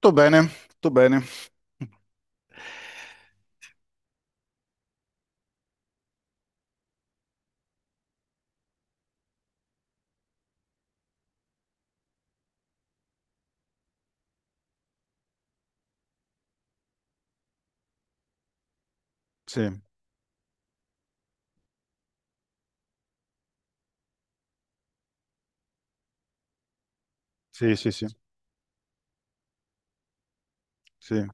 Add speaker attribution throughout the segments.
Speaker 1: Tutto bene, tutto bene. Sì, sì, sì, sì, sì,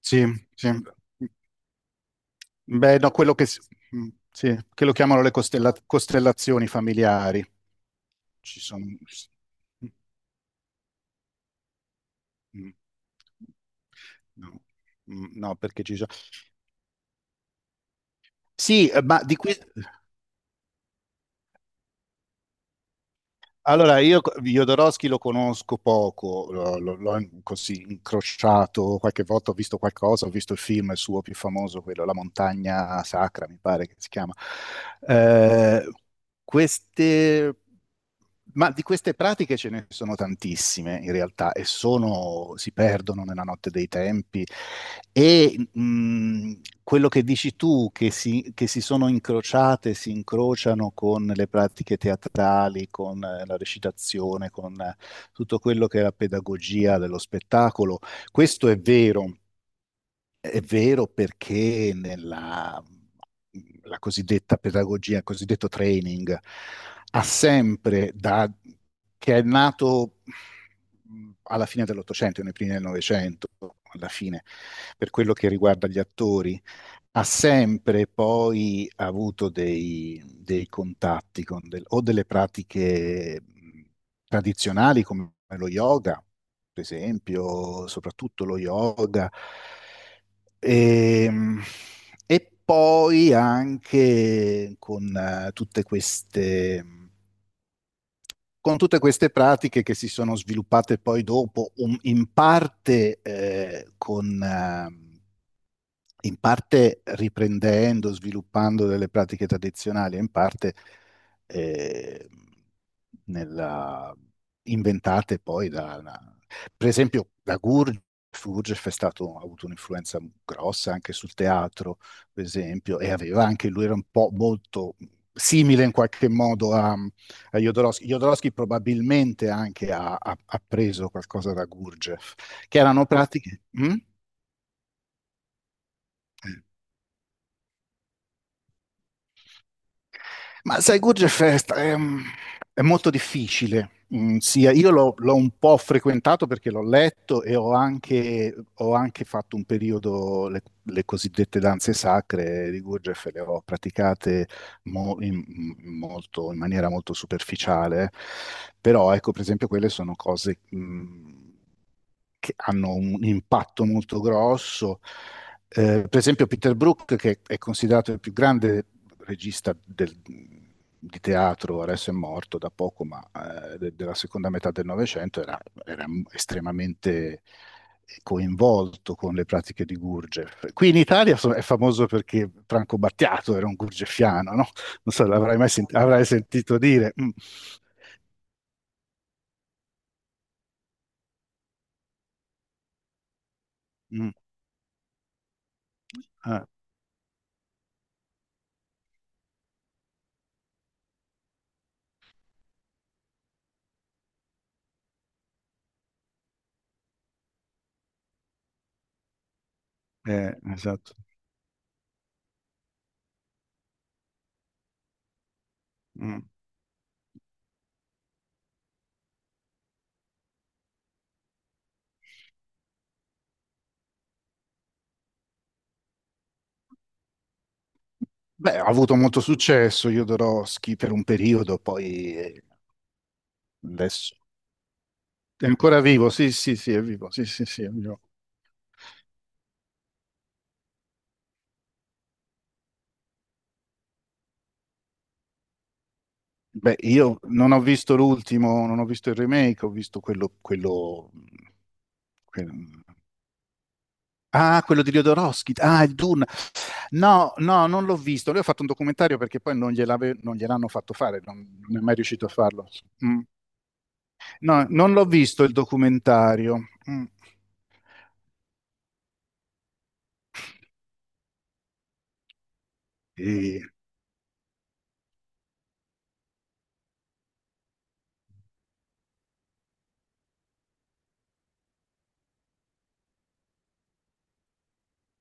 Speaker 1: sì, sì. Beh, no, quello che, sì, che lo chiamano le costellazioni familiari. Ci sono. Mm, mm. No, mm, no, perché ci sono. Sì, ma di questo. Allora, io Jodorowsky lo conosco poco, così incrociato qualche volta, ho visto qualcosa, ho visto il film suo più famoso, quello La montagna sacra, mi pare che si chiama. Eh, queste, ma di queste pratiche ce ne sono tantissime in realtà e si perdono nella notte dei tempi. E quello che dici tu, che si sono incrociate, si incrociano con le pratiche teatrali, con la recitazione, con tutto quello che è la pedagogia dello spettacolo, questo è vero. È vero perché nella la cosiddetta pedagogia, il cosiddetto training, ha sempre da che è nato alla fine dell'Ottocento, nei primi del Novecento, alla fine, per quello che riguarda gli attori, ha sempre poi avuto dei contatti con o delle pratiche tradizionali come lo yoga per esempio, soprattutto lo yoga. E, e poi anche con tutte queste con tutte queste pratiche che si sono sviluppate poi dopo, in parte, in parte riprendendo, sviluppando delle pratiche tradizionali, e in parte eh, nella- inventate poi per esempio, da Gurdjieff. Gurdjieff ha avuto un'influenza grossa anche sul teatro, per esempio, e aveva anche lui era un po' molto simile in qualche modo a Jodorowsky. Jodorowsky probabilmente anche ha preso qualcosa da Gurdjieff, che erano pratiche. Mm? Eh. Ma sai, Gurdjieff è molto difficile. Io l'ho un po' frequentato perché l'ho letto e ho anche fatto un periodo, le cosiddette danze sacre di Gurdjieff, le ho praticate mo- in, in maniera molto superficiale, però ecco, per esempio, quelle sono cose che hanno un impatto molto grosso. Per esempio, Peter Brook, che è considerato il più grande regista di teatro, adesso è morto da poco, ma della seconda metà del Novecento, era estremamente coinvolto con le pratiche di Gurgev. Qui in Italia è famoso perché Franco Battiato era un gurgefiano, non so, l'avrai mai avrai sentito dire. Mm, mm, ah, esatto. Mm. Beh, ha avuto molto successo Jodorowsky per un periodo, poi adesso è ancora vivo. Sì, sì, sì, è vivo. Sì, sì, sì, è vivo. Beh, io non ho visto l'ultimo, non ho visto il remake, ho visto quello, quello- ah, quello di Jodorowsky. Ah, il Dune. No, no, non l'ho visto. Lui ha fatto un documentario perché poi non gliel'hanno fatto fare, non è mai riuscito a farlo. Mm. No, non l'ho visto il documentario. Mm. E-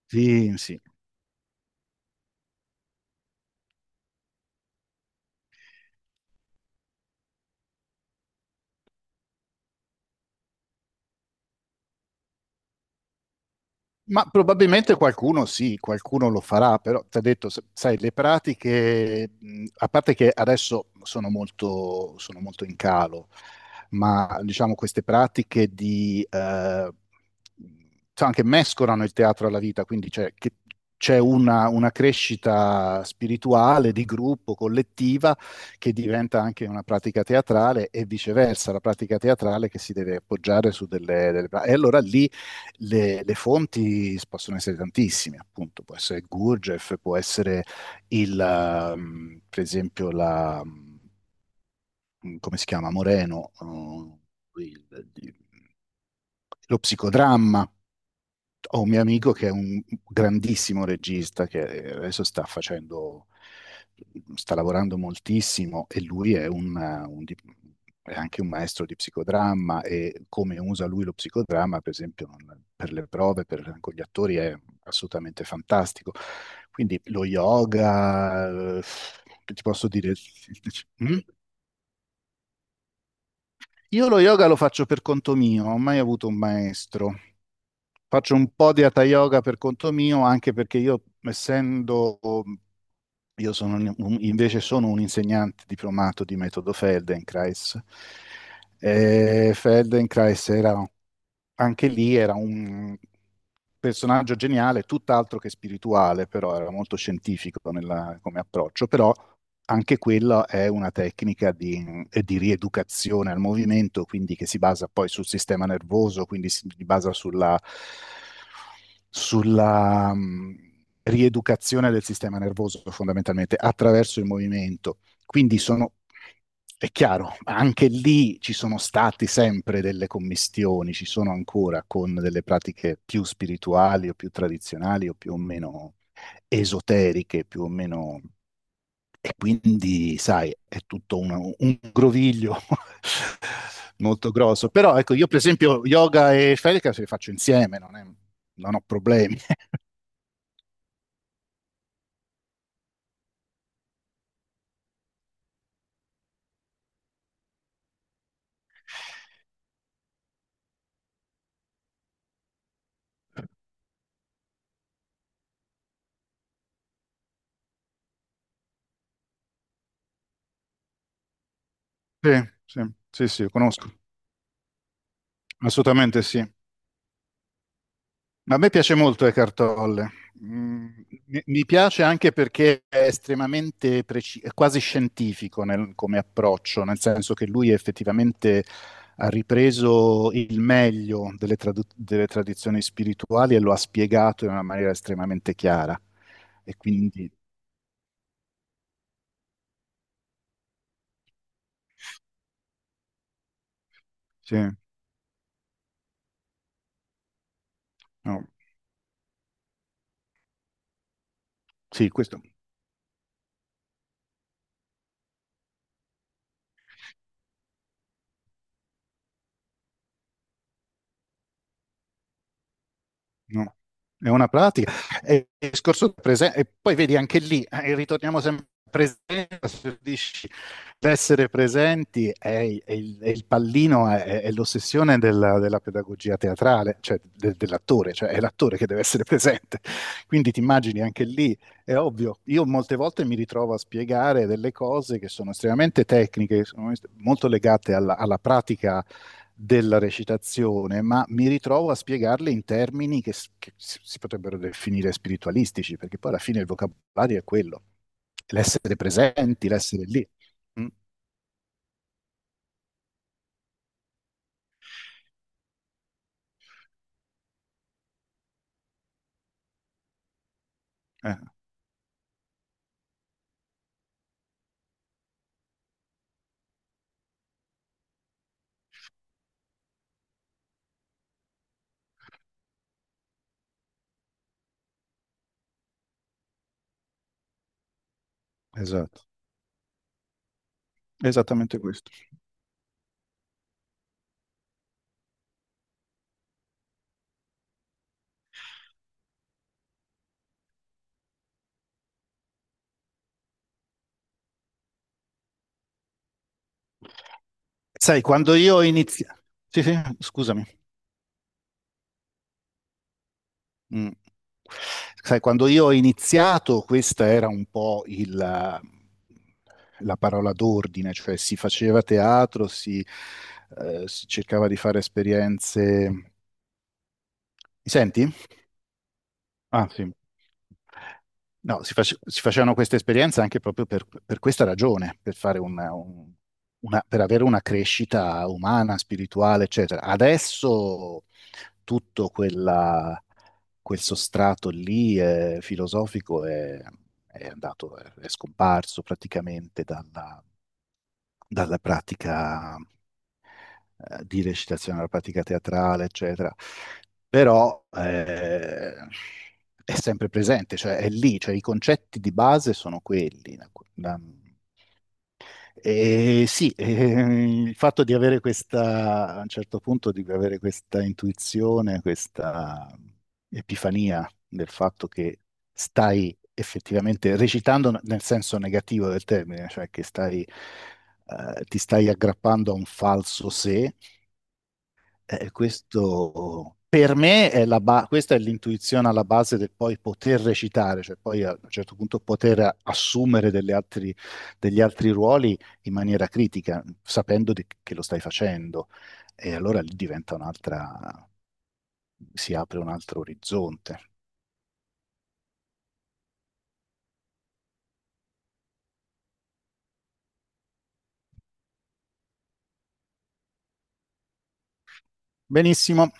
Speaker 1: sì, sì. Ma probabilmente qualcuno sì, qualcuno lo farà, però ti ho detto, sai, le pratiche, a parte che adesso sono molto, in calo, ma diciamo queste pratiche sai, anche mescolano il teatro alla vita, quindi c'è una crescita spirituale di gruppo, collettiva, che diventa anche una pratica teatrale e viceversa, la pratica teatrale che si deve appoggiare su E allora lì le fonti possono essere tantissime, appunto, può essere Gurdjieff, può essere per esempio, come si chiama, Moreno, lo psicodramma, ho un mio amico che è un grandissimo regista che adesso sta lavorando moltissimo e lui un di- è anche un maestro di psicodramma e come usa lui lo psicodramma, per esempio, per le prove, con gli attori è assolutamente fantastico. Quindi lo yoga, che ti posso dire? Mm? Io lo yoga lo faccio per conto mio, non ho mai avuto un maestro. Faccio un po' di hatha yoga per conto mio, anche perché io invece sono un insegnante diplomato di metodo Feldenkrais. Feldenkrais era anche lì, era un personaggio geniale, tutt'altro che spirituale, però era molto scientifico come approccio, però anche quella è una tecnica di rieducazione al movimento, quindi che si basa poi sul sistema nervoso, quindi si basa sulla rieducazione del sistema nervoso fondamentalmente attraverso il movimento. Quindi è chiaro, anche lì ci sono stati sempre delle commistioni, ci sono ancora con delle pratiche più spirituali o più tradizionali o più o meno esoteriche, più o meno. E quindi, sai, è tutto un groviglio molto grosso. Però, ecco, io per esempio yoga e felica se li faccio insieme, non ho problemi. Sì, sì, sì, sì, conosco. Assolutamente sì. Ma a me piace molto Eckhart Tolle. Mm, mi piace anche perché è estremamente preciso, quasi scientifico come approccio, nel senso che lui effettivamente ha ripreso il meglio delle tradizioni spirituali e lo ha spiegato in una maniera estremamente chiara. E quindi, sì, no, sì, questo. No, è una pratica. E poi vedi anche lì, ritorniamo sempre alla presenza, se dici, l'essere presenti è il pallino, è l'ossessione della pedagogia teatrale, cioè dell'attore, cioè è l'attore che deve essere presente. Quindi ti immagini anche lì, è ovvio, io molte volte mi ritrovo a spiegare delle cose che sono estremamente tecniche, che sono molto legate alla pratica della recitazione, ma mi ritrovo a spiegarle in termini che si potrebbero definire spiritualistici, perché poi alla fine il vocabolario è quello, l'essere presenti, l'essere lì. Mm. Eh, esatto, esattamente questo. Sai, quando io ho iniziato. Sì, sì, scusami. Mm. Sai, quando io ho iniziato, questa era un po' la parola d'ordine, cioè si faceva teatro, si cercava di fare esperienze. Mi senti? Ah, sì. No, si facevano queste esperienze anche proprio per questa ragione, per fare per avere una crescita umana, spirituale, eccetera. Adesso tutto quel sostrato lì filosofico è andato, è scomparso praticamente dalla pratica di recitazione, dalla pratica teatrale, eccetera. Però è sempre presente, cioè è lì, cioè i concetti di base sono quelli. da- e sì, il fatto di avere questa, a un certo punto, di avere questa intuizione, questa epifania del fatto che stai effettivamente recitando nel senso negativo del termine, cioè che ti stai aggrappando a un falso sé, questo per me è la questa è l'intuizione alla base del poi poter recitare, cioè poi a un certo punto poter assumere delle degli altri ruoli in maniera critica, sapendo che lo stai facendo. E allora lì si apre un altro orizzonte. Benissimo.